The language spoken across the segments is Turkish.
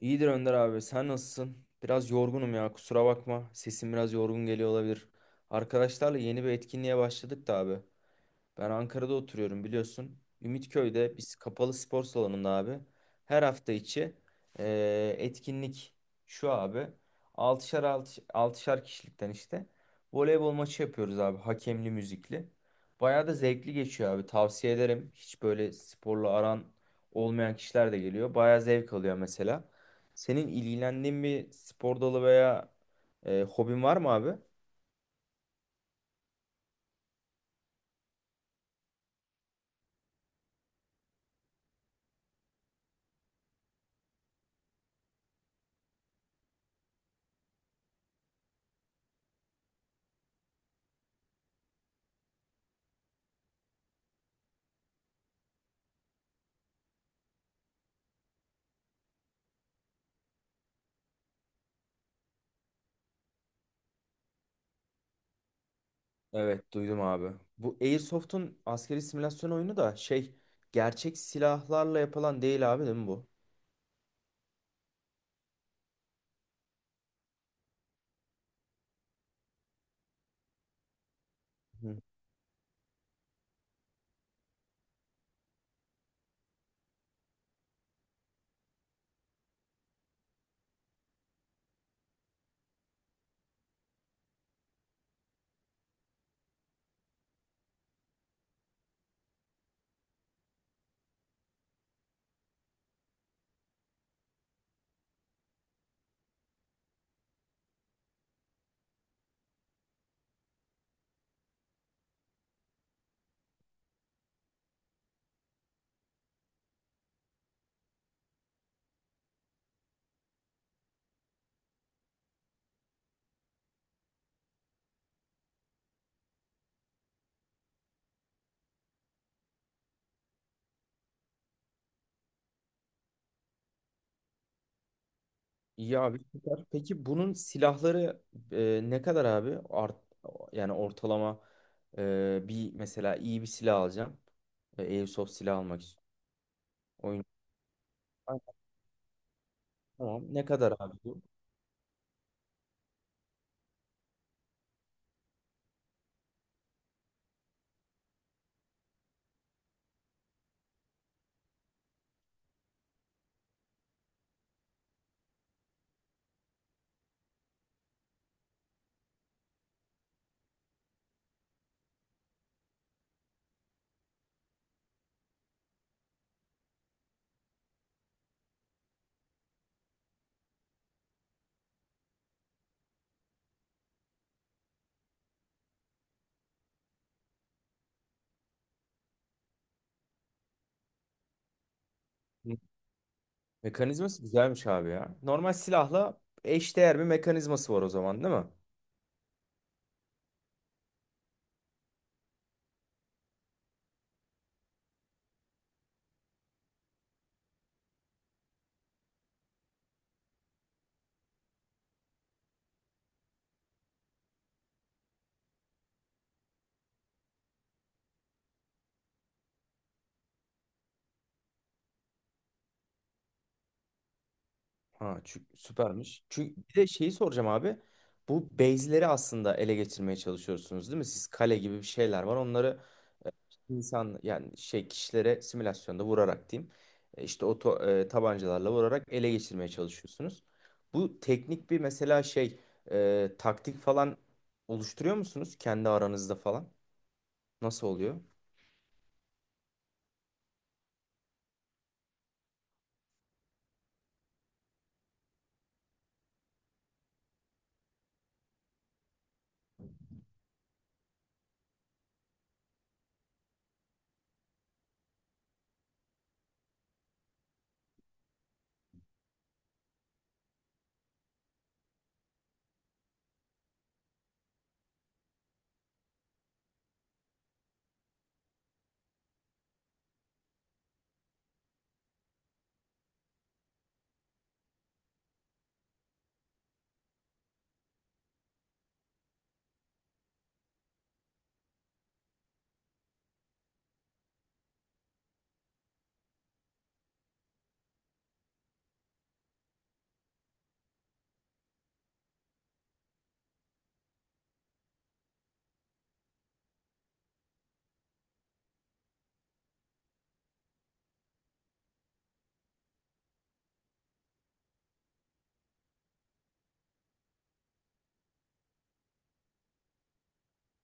İyidir Önder abi. Sen nasılsın? Biraz yorgunum ya. Kusura bakma. Sesim biraz yorgun geliyor olabilir. Arkadaşlarla yeni bir etkinliğe başladık da abi. Ben Ankara'da oturuyorum biliyorsun. Ümitköy'de biz kapalı spor salonunda abi her hafta içi etkinlik şu abi. 6'şar 6'şar kişilikten işte voleybol maçı yapıyoruz abi hakemli müzikli. Bayağı da zevkli geçiyor abi tavsiye ederim. Hiç böyle sporla aran olmayan kişiler de geliyor. Bayağı zevk alıyor mesela. Senin ilgilendiğin bir spor dalı veya hobin var mı abi? Evet duydum abi. Bu Airsoft'un askeri simülasyon oyunu da şey gerçek silahlarla yapılan değil abi değil mi bu? Hı. İyi abi süper. Peki bunun silahları ne kadar abi? Yani ortalama bir mesela iyi bir silah alacağım. Airsoft silah almak istiyorum. Oyun. Ay, Tamam. Ne kadar abi bu? Hı. Mekanizması güzelmiş abi ya. Normal silahla eşdeğer bir mekanizması var o zaman değil mi? Ha, çünkü süpermiş. Çünkü bir de şeyi soracağım abi. Bu base'leri aslında ele geçirmeye çalışıyorsunuz değil mi? Siz kale gibi bir şeyler var. Onları insan yani şey kişilere simülasyonda vurarak diyeyim. İşte o tabancalarla vurarak ele geçirmeye çalışıyorsunuz. Bu teknik bir mesela şey taktik falan oluşturuyor musunuz kendi aranızda falan? Nasıl oluyor?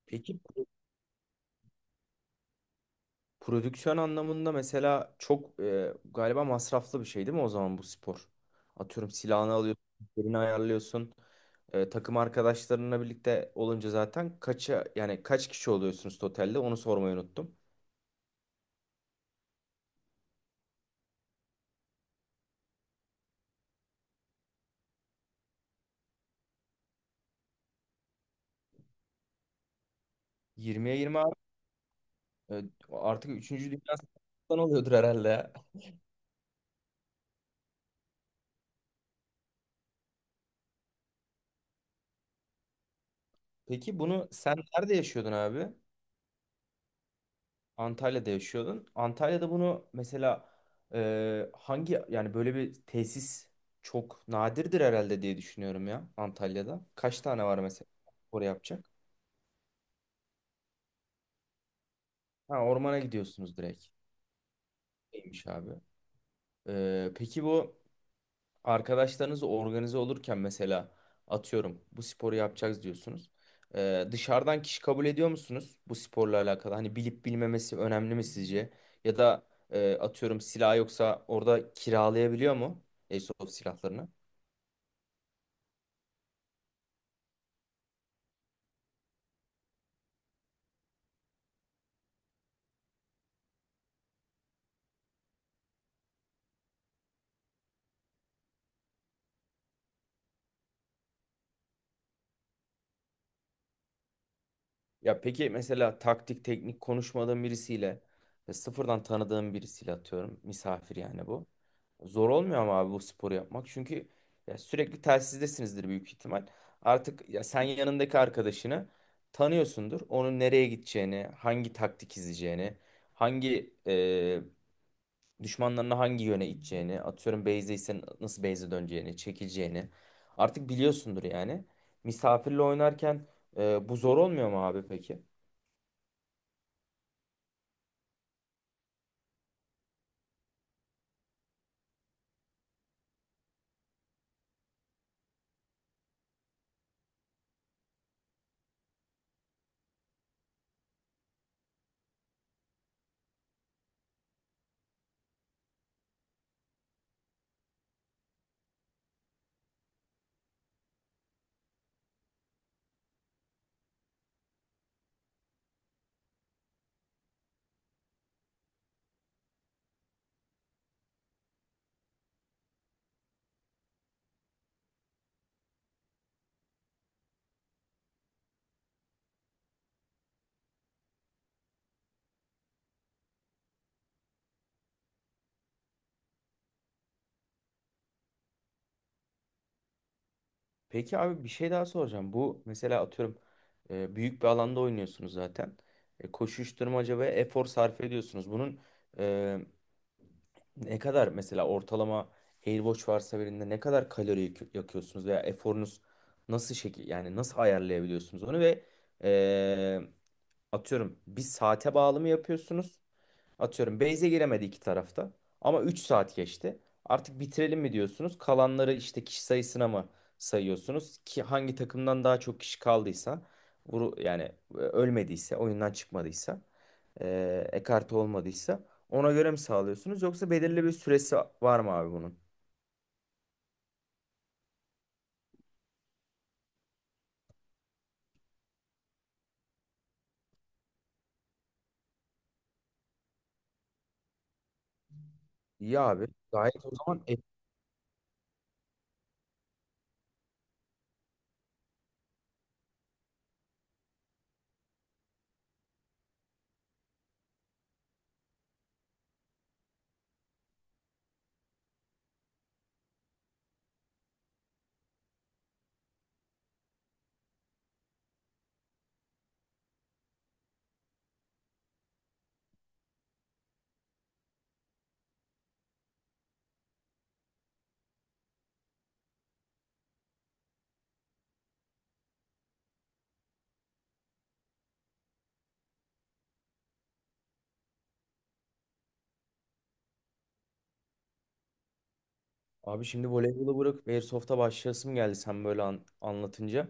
Peki prodüksiyon anlamında mesela çok galiba masraflı bir şey değil mi o zaman bu spor? Atıyorum silahını alıyorsun, yerini ayarlıyorsun. Takım arkadaşlarınla birlikte olunca zaten kaça yani kaç kişi oluyorsunuz totalde onu sormayı unuttum. 20'ye 20 abi. E, Artık üçüncü Dünya Savaşı'ndan oluyordur herhalde ya. Peki bunu sen nerede yaşıyordun abi? Antalya'da yaşıyordun. Antalya'da bunu mesela hangi yani böyle bir tesis çok nadirdir herhalde diye düşünüyorum ya Antalya'da. Kaç tane var mesela oraya yapacak? Ha ormana gidiyorsunuz direkt. Neymiş abi? Peki bu arkadaşlarınız organize olurken mesela atıyorum bu sporu yapacağız diyorsunuz. Dışarıdan kişi kabul ediyor musunuz bu sporla alakalı? Hani bilip bilmemesi önemli mi sizce? Ya da atıyorum silah yoksa orada kiralayabiliyor mu Airsoft silahlarını? Ya peki mesela taktik teknik konuşmadığın birisiyle ve sıfırdan tanıdığın birisiyle atıyorum misafir yani bu. Zor olmuyor ama abi bu sporu yapmak çünkü ya sürekli telsizdesinizdir büyük ihtimal. Artık ya sen yanındaki arkadaşını tanıyorsundur. Onun nereye gideceğini, hangi taktik izleyeceğini, hangi düşmanlarına hangi yöne iteceğini, atıyorum base'deysen nasıl base'e döneceğini, çekileceğini artık biliyorsundur yani. Misafirle oynarken bu zor olmuyor mu abi peki? Peki abi bir şey daha soracağım. Bu mesela atıyorum büyük bir alanda oynuyorsunuz zaten. Koşuşturmaca ve efor sarf ediyorsunuz. Bunun e, ne kadar mesela ortalama Airwatch varsa birinde ne kadar kalori yakıyorsunuz veya eforunuz nasıl şekil yani nasıl ayarlayabiliyorsunuz onu ve e, atıyorum bir saate bağlı mı yapıyorsunuz? Atıyorum base'e giremedi iki tarafta. Ama 3 saat geçti. Artık bitirelim mi diyorsunuz? Kalanları işte kişi sayısına mı sayıyorsunuz? Ki hangi takımdan daha çok kişi kaldıysa, vuru yani ölmediyse, oyundan çıkmadıysa, ekarte olmadıysa ona göre mi sağlıyorsunuz? Yoksa belirli bir süresi var mı abi bunun? İyi abi. Gayet o zaman abi şimdi voleybolu bırakıp Airsoft'a başlayasım geldi sen böyle anlatınca.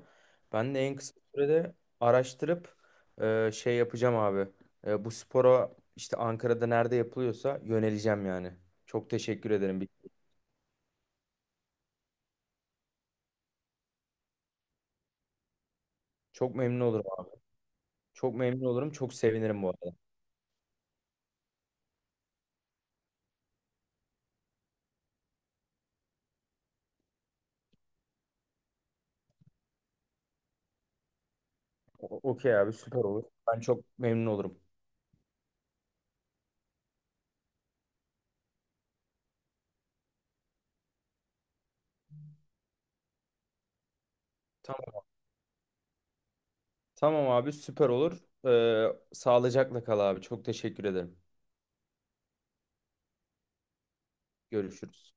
Ben de en kısa sürede araştırıp şey yapacağım abi. Bu spora işte Ankara'da nerede yapılıyorsa yöneleceğim yani. Çok teşekkür ederim. Çok memnun olurum abi. Çok memnun olurum. Çok sevinirim bu arada. Okey abi süper olur. Ben çok memnun olurum. Tamam, tamam abi süper olur. Sağlıcakla kal abi. Çok teşekkür ederim. Görüşürüz.